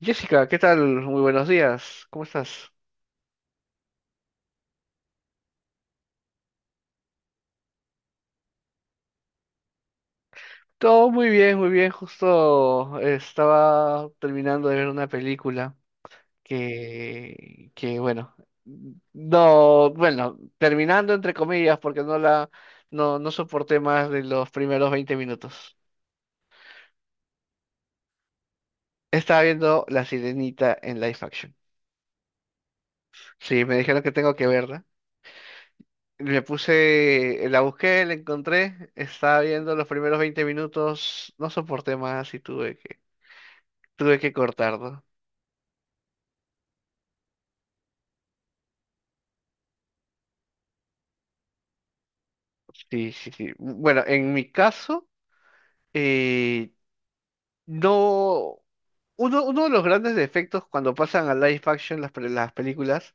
Jessica, ¿qué tal? Muy buenos días. ¿Cómo estás? Todo muy bien, muy bien. Justo estaba terminando de ver una película que bueno, no, bueno, terminando entre comillas porque no, no soporté más de los primeros 20 minutos. Estaba viendo La Sirenita en live action. Sí, me dijeron que tengo que verla. Me puse, la busqué, la encontré, estaba viendo los primeros 20 minutos, no soporté más y tuve que tuve que cortarlo. Sí, sí, sí. Bueno, en mi caso, eh, no. Uno de los grandes defectos cuando pasan a live action las películas,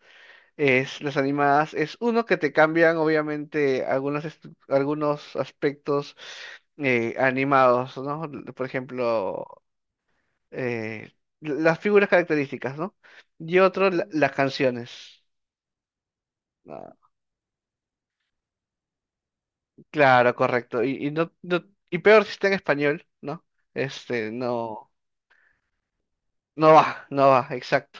es, las animadas, es uno que te cambian obviamente algunos aspectos animados, ¿no? Por ejemplo, eh, las figuras características, ¿no? Y otro, las canciones. ¿No? Claro, correcto. Y y peor si está en español, ¿no? Este, no, no va, exacto.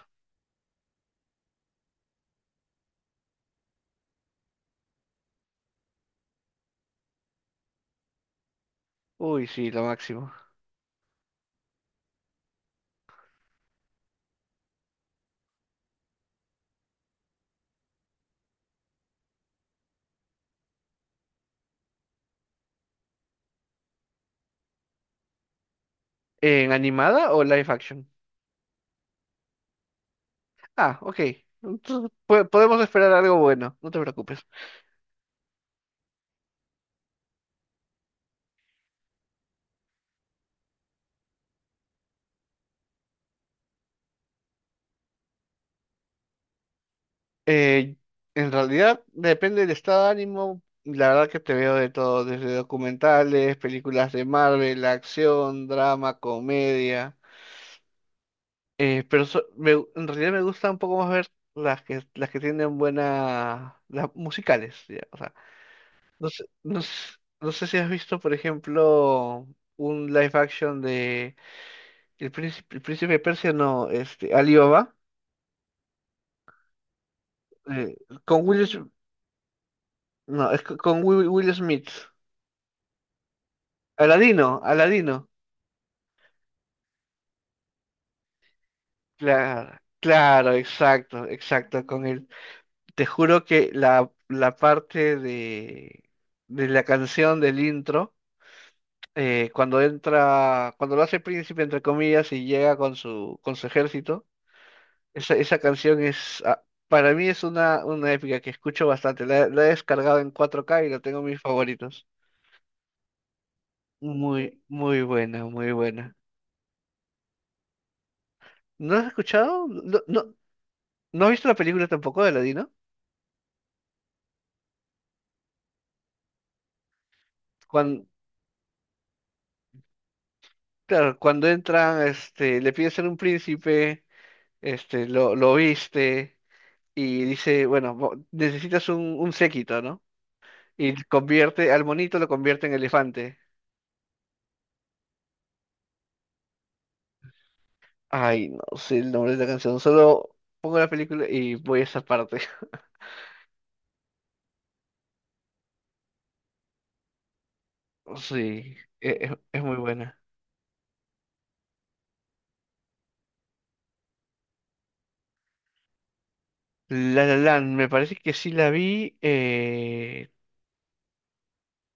Uy, sí, lo máximo. ¿En animada o live action? Ah, ok. Entonces, podemos esperar algo bueno, no te preocupes. Eh, en realidad, depende del estado de ánimo. La verdad que te veo de todo, desde documentales, películas de Marvel, acción, drama, comedia. En realidad me gusta un poco más ver las que tienen buenas las musicales, ya. O sea, no sé, no s- no sé si has visto, por ejemplo, un live action de el Príncipe de Persia, no, este, Alibaba, eh, con Will Smith, no, es co- con Will Smith. Aladino. Claro, claro, exacto, con él. Te juro que la parte de la canción del intro, cuando entra, cuando lo hace príncipe, entre comillas, y llega con con su ejército, esa canción es, ah, para mí es una épica que escucho bastante. La he descargado en 4K y la tengo en mis favoritos. Muy, muy buena, muy buena. ¿No has escuchado? No, no, ¿no has visto la película tampoco de Aladino? Cuando, claro, cuando entran, este, le pide ser un príncipe, este, lo viste, y dice, bueno, necesitas un séquito, ¿no? Y convierte, al monito lo convierte en elefante. Ay, no sé el nombre de la canción. Solo pongo la película y voy a esa parte. Sí, es muy buena. La La Land, me parece que sí la vi.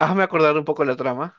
Hazme acordar un poco la trama.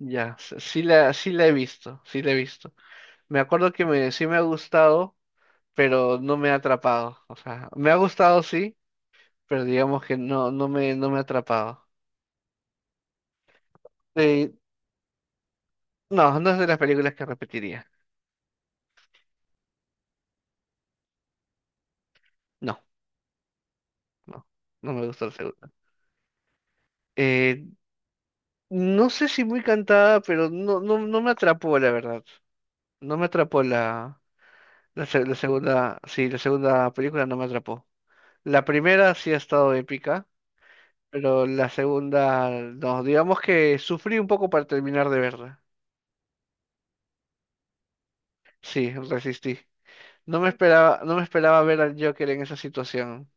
Ya, sí la he visto, sí la he visto. Me acuerdo que sí me ha gustado, pero no me ha atrapado. O sea, me ha gustado sí, pero digamos que no, no me ha atrapado. Eh, no, no es de las películas que repetiría. No. No, no me gusta la segunda. Eh, no sé si muy cantada, pero no, no, no me atrapó, la verdad. No me atrapó la segunda, sí, la segunda película no me atrapó. La primera sí ha estado épica, pero la segunda, no, digamos que sufrí un poco para terminar de verla. Sí, resistí. No me esperaba, no me esperaba ver al Joker en esa situación.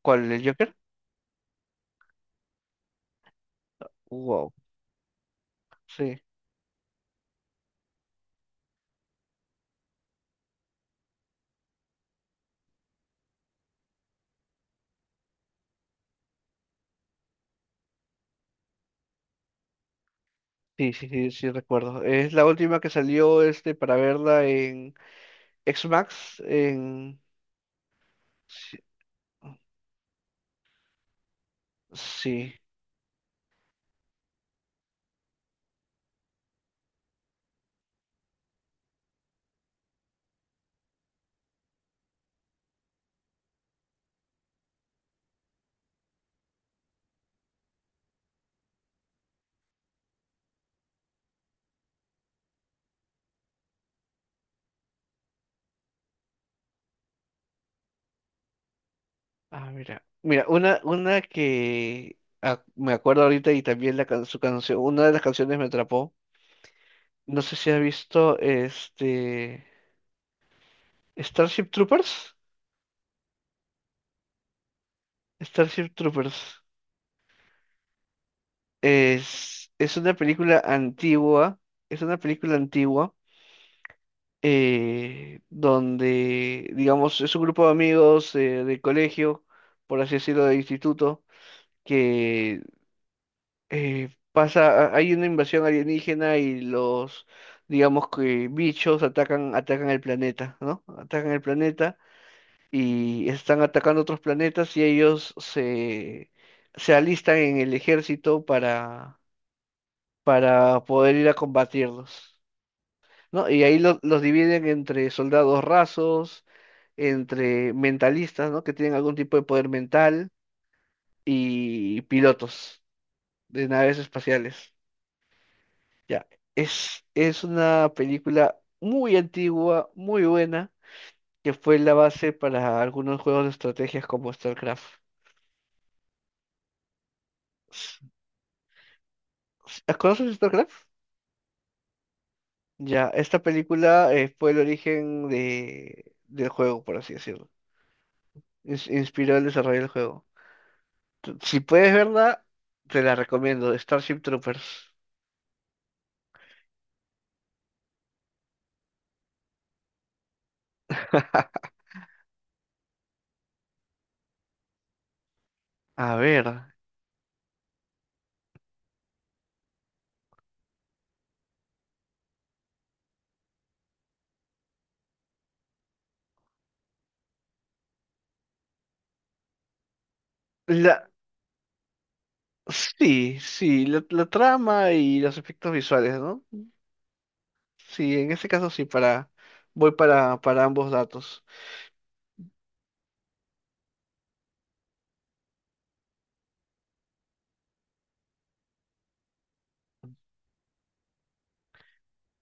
¿Cuál, el Joker? Wow. Sí, sí, sí, sí, sí recuerdo. Es la última que salió este para verla X-Max en... Sí. Sí. Ah, mira. Mira, una que ah, me acuerdo ahorita y también su canción, una de las canciones me atrapó. No sé si has visto este Starship Troopers. Starship Troopers es una película antigua, es una película antigua, donde, digamos, es un grupo de amigos, de colegio, por así decirlo, de instituto, que pasa, hay una invasión alienígena y los, digamos que bichos atacan, atacan el planeta, ¿no? Atacan el planeta y están atacando otros planetas y se alistan en el ejército para poder ir a combatirlos, ¿no? Y ahí los dividen entre soldados rasos, entre mentalistas, ¿no? Que tienen algún tipo de poder mental y pilotos de naves espaciales. Ya, es una película muy antigua, muy buena, que fue la base para algunos juegos de estrategias como StarCraft. S- ¿Conoces StarCraft? Ya, esta película fue el origen del juego, por así decirlo. Inspiró el desarrollo del juego. Si puedes verla, te la recomiendo, Starship Troopers. A ver, la... sí, sí, la trama y los efectos visuales, ¿no? Sí, en ese caso sí, voy para ambos datos.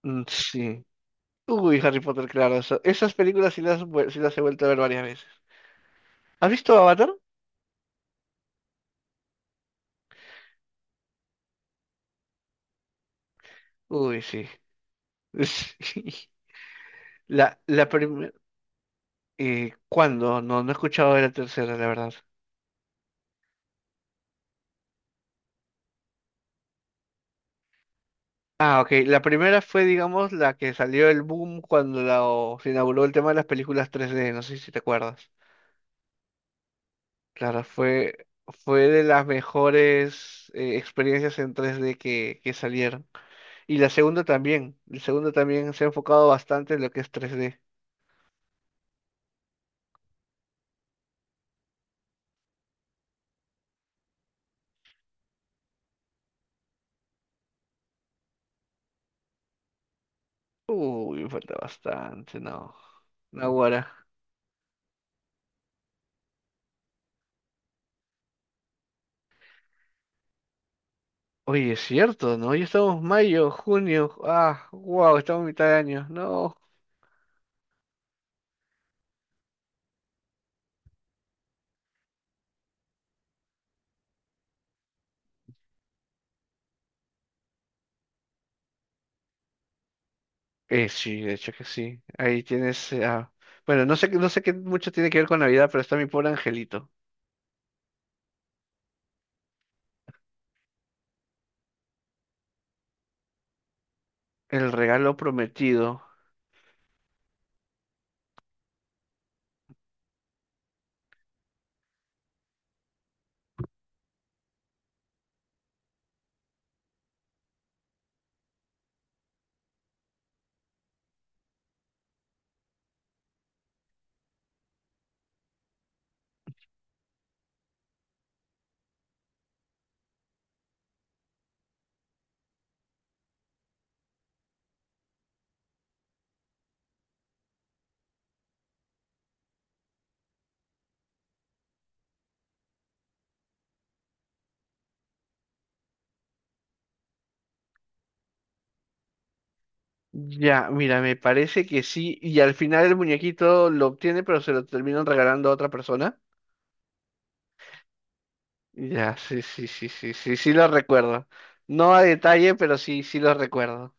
Mm, sí. Uy, Harry Potter, claro. Esas películas sí sí las he vuelto a ver varias veces. ¿Has visto Avatar? Uy, sí. Sí. La primera... ¿Cuándo? No, no he escuchado de la tercera, la verdad. Ah, ok. La primera fue, digamos, la que salió el boom cuando o se inauguró el tema de las películas tres d. No sé si te acuerdas. Claro, fue de las mejores, experiencias en tres d que salieron. Y la segunda también. La segunda también se ha enfocado bastante en lo que es 3D. Uy, me falta bastante, no. Naguará. Oye, es cierto, ¿no? Ya estamos mayo, junio. Ah, wow, estamos en mitad de año. No. Sí, de hecho que sí. Ahí tienes. Bueno, no sé, no sé qué mucho tiene que ver con Navidad, pero está mi pobre angelito. El regalo prometido. Ya, mira, me parece que sí. Y al final el muñequito lo obtiene, pero se lo terminan regalando a otra persona. Ya, sí, sí, sí, sí, sí, sí lo recuerdo. No a detalle, pero sí, sí lo recuerdo.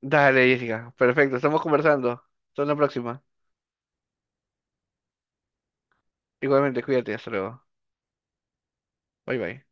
Dale, Jessica. Perfecto, estamos conversando. Hasta la próxima. Igualmente, cuídate, hasta luego. Bye bye.